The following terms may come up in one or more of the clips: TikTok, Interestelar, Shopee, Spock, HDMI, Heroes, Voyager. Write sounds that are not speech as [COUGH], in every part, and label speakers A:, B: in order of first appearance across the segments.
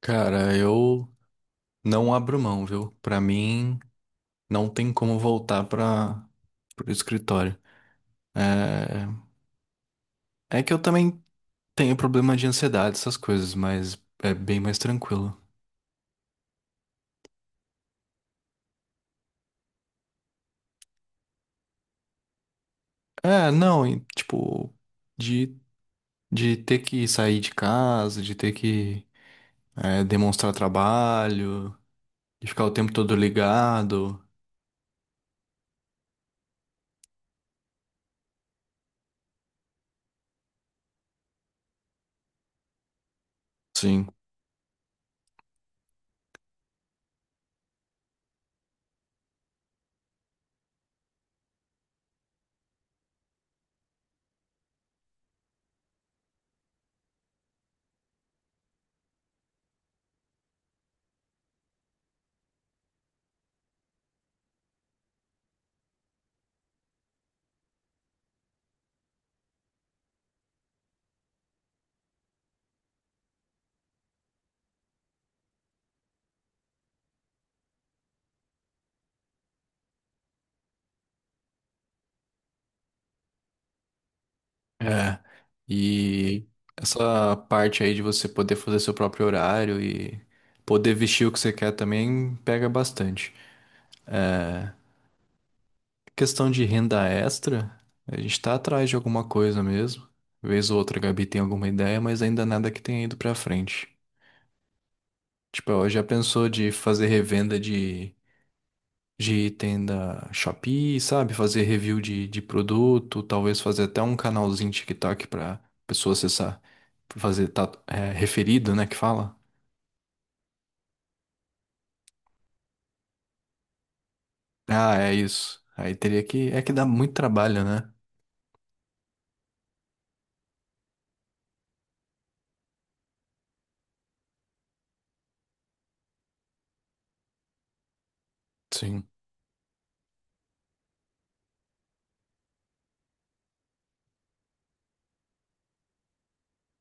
A: Cara, eu não abro mão, viu? Pra mim, não tem como voltar para o escritório. É... é que eu também tenho problema de ansiedade, essas coisas, mas é bem mais tranquilo. É, não, e, tipo, de, de ter que sair de casa, de ter que demonstrar trabalho, de ficar o tempo todo ligado. Sim. É, e essa parte aí de você poder fazer seu próprio horário e poder vestir o que você quer também pega bastante. Questão de renda extra, a gente tá atrás de alguma coisa mesmo. Vez ou outra a Gabi tem alguma ideia, mas ainda nada que tenha ido pra frente. Tipo, ela já pensou de fazer revenda de item da Shopee, sabe? Fazer review de produto, talvez fazer até um canalzinho TikTok pra pessoa acessar, fazer tá, é, referido, né, que fala. Ah, é isso. Aí teria que. É que dá muito trabalho, né? Sim,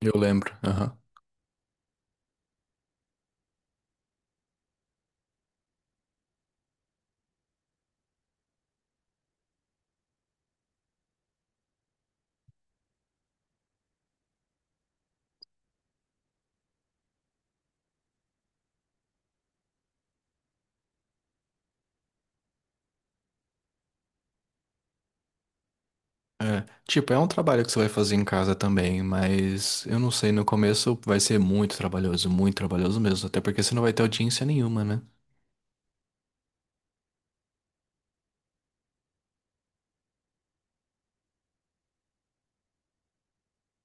A: eu lembro. Aham. É. Tipo, é um trabalho que você vai fazer em casa também, mas eu não sei, no começo vai ser muito trabalhoso mesmo, até porque você não vai ter audiência nenhuma, né?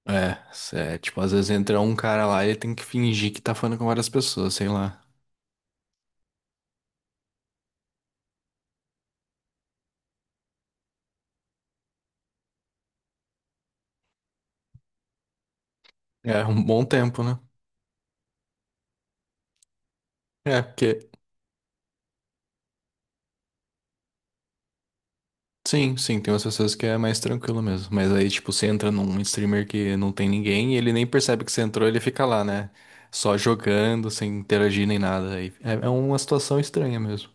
A: É, tipo, às vezes entra um cara lá e ele tem que fingir que tá falando com várias pessoas, sei lá. É um bom tempo, né? É, porque Sim, sim, tem umas pessoas que é mais tranquilo mesmo. Mas aí, tipo, você entra num streamer que não tem ninguém e ele nem percebe que você entrou, ele fica lá, né? Só jogando, sem interagir nem nada. Aí é uma situação estranha mesmo.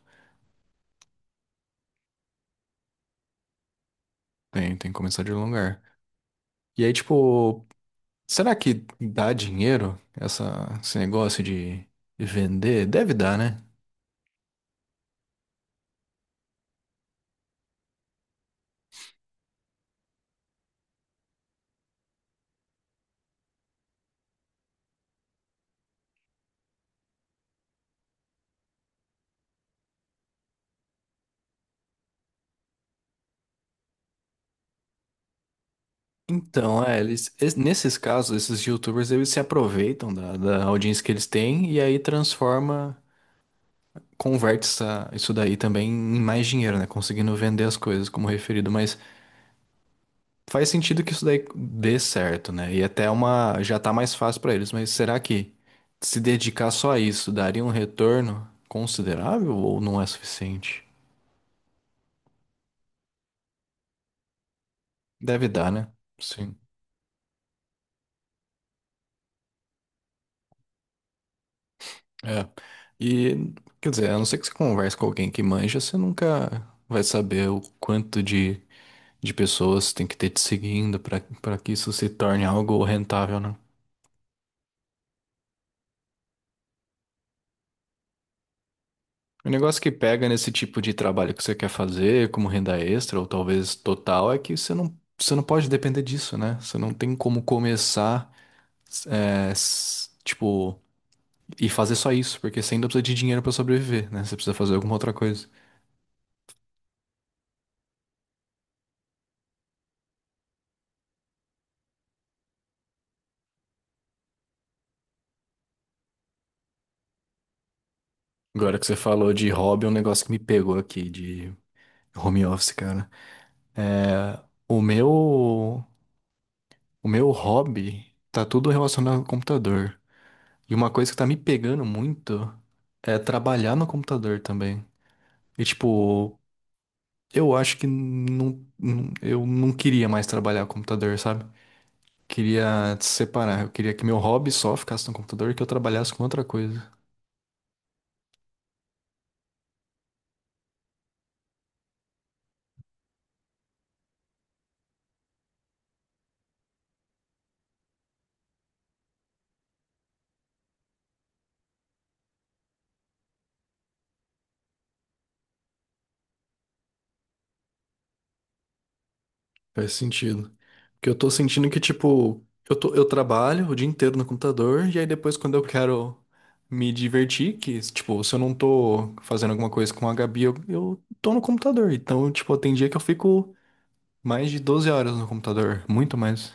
A: Tem que começar de algum lugar. E aí, tipo, será que dá dinheiro essa, esse negócio de vender? Deve dar, né? Então, é, nesses casos, esses YouTubers, eles se aproveitam da audiência que eles têm e aí transforma. Converte isso daí também em mais dinheiro, né? Conseguindo vender as coisas como referido, mas faz sentido que isso daí dê certo, né? E até uma já tá mais fácil pra eles, mas será que se dedicar só a isso daria um retorno considerável ou não é suficiente? Deve dar, né? Sim. É. E quer dizer, a não ser que você converse com alguém que manja, você nunca vai saber o quanto de pessoas tem que ter te seguindo pra para que isso se torne algo rentável, né? O negócio que pega nesse tipo de trabalho que você quer fazer, como renda extra ou talvez total, é que você não pode depender disso, né? Você não tem como começar, tipo, e fazer só isso, porque você ainda precisa de dinheiro pra sobreviver, né? Você precisa fazer alguma outra coisa. Agora que você falou de hobby, é um negócio que me pegou aqui, de home office, cara. É, O meu, o meu hobby tá tudo relacionado ao computador. E uma coisa que tá me pegando muito é trabalhar no computador também. E tipo, eu acho que não, eu não queria mais trabalhar com computador, sabe? Queria separar. Eu queria que meu hobby só ficasse no computador e que eu trabalhasse com outra coisa. Faz sentido. Porque eu tô sentindo que, tipo, eu trabalho o dia inteiro no computador e aí depois quando eu quero me divertir, que, tipo, se eu não tô fazendo alguma coisa com a Gabi, eu tô no computador. Então, tipo, tem dia que eu fico mais de 12 horas no computador, muito mais.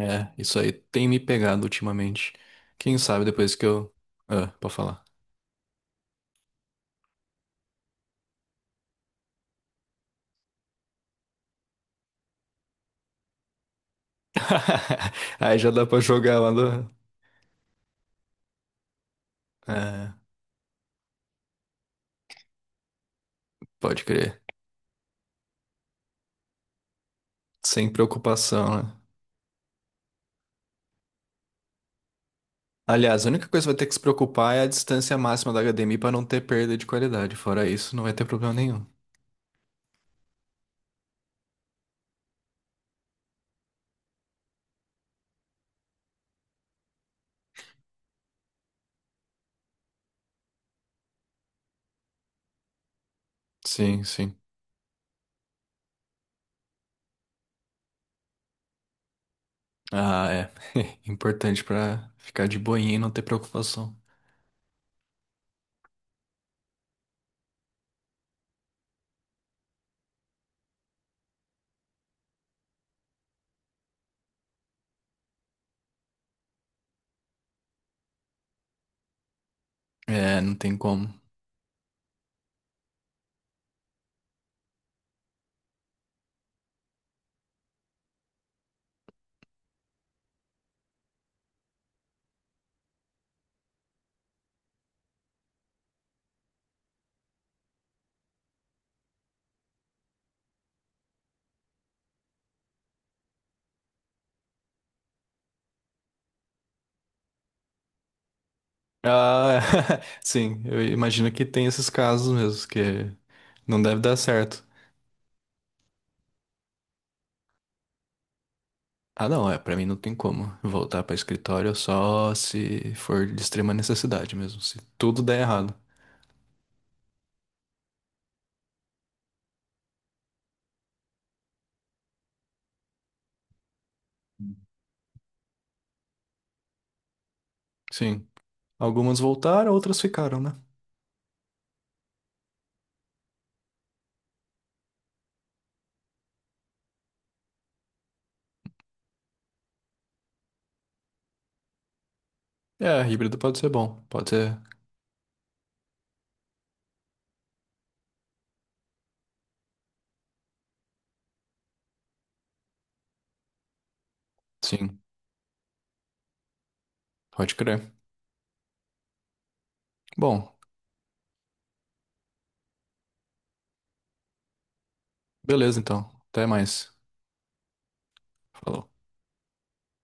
A: É, isso aí tem me pegado ultimamente. Quem sabe depois que eu. Ah, pode falar. [LAUGHS] Aí já dá pra jogar lá do. É, pode crer. Sem preocupação, né? Aliás, a única coisa que vai ter que se preocupar é a distância máxima da HDMI pra não ter perda de qualidade. Fora isso, não vai ter problema nenhum. Sim, sim. Ah, é. [LAUGHS] Importante pra ficar de boinha e não ter preocupação. É, não tem como. Ah, [LAUGHS] sim, eu imagino que tem esses casos mesmo, que não deve dar certo. Ah, não, é, pra mim não tem como voltar pra escritório só se for de extrema necessidade mesmo, se tudo der errado. Sim, algumas voltaram, outras ficaram, né? É, híbrido pode ser bom, pode ser, sim, pode crer. Bom, beleza então, até mais. Falou.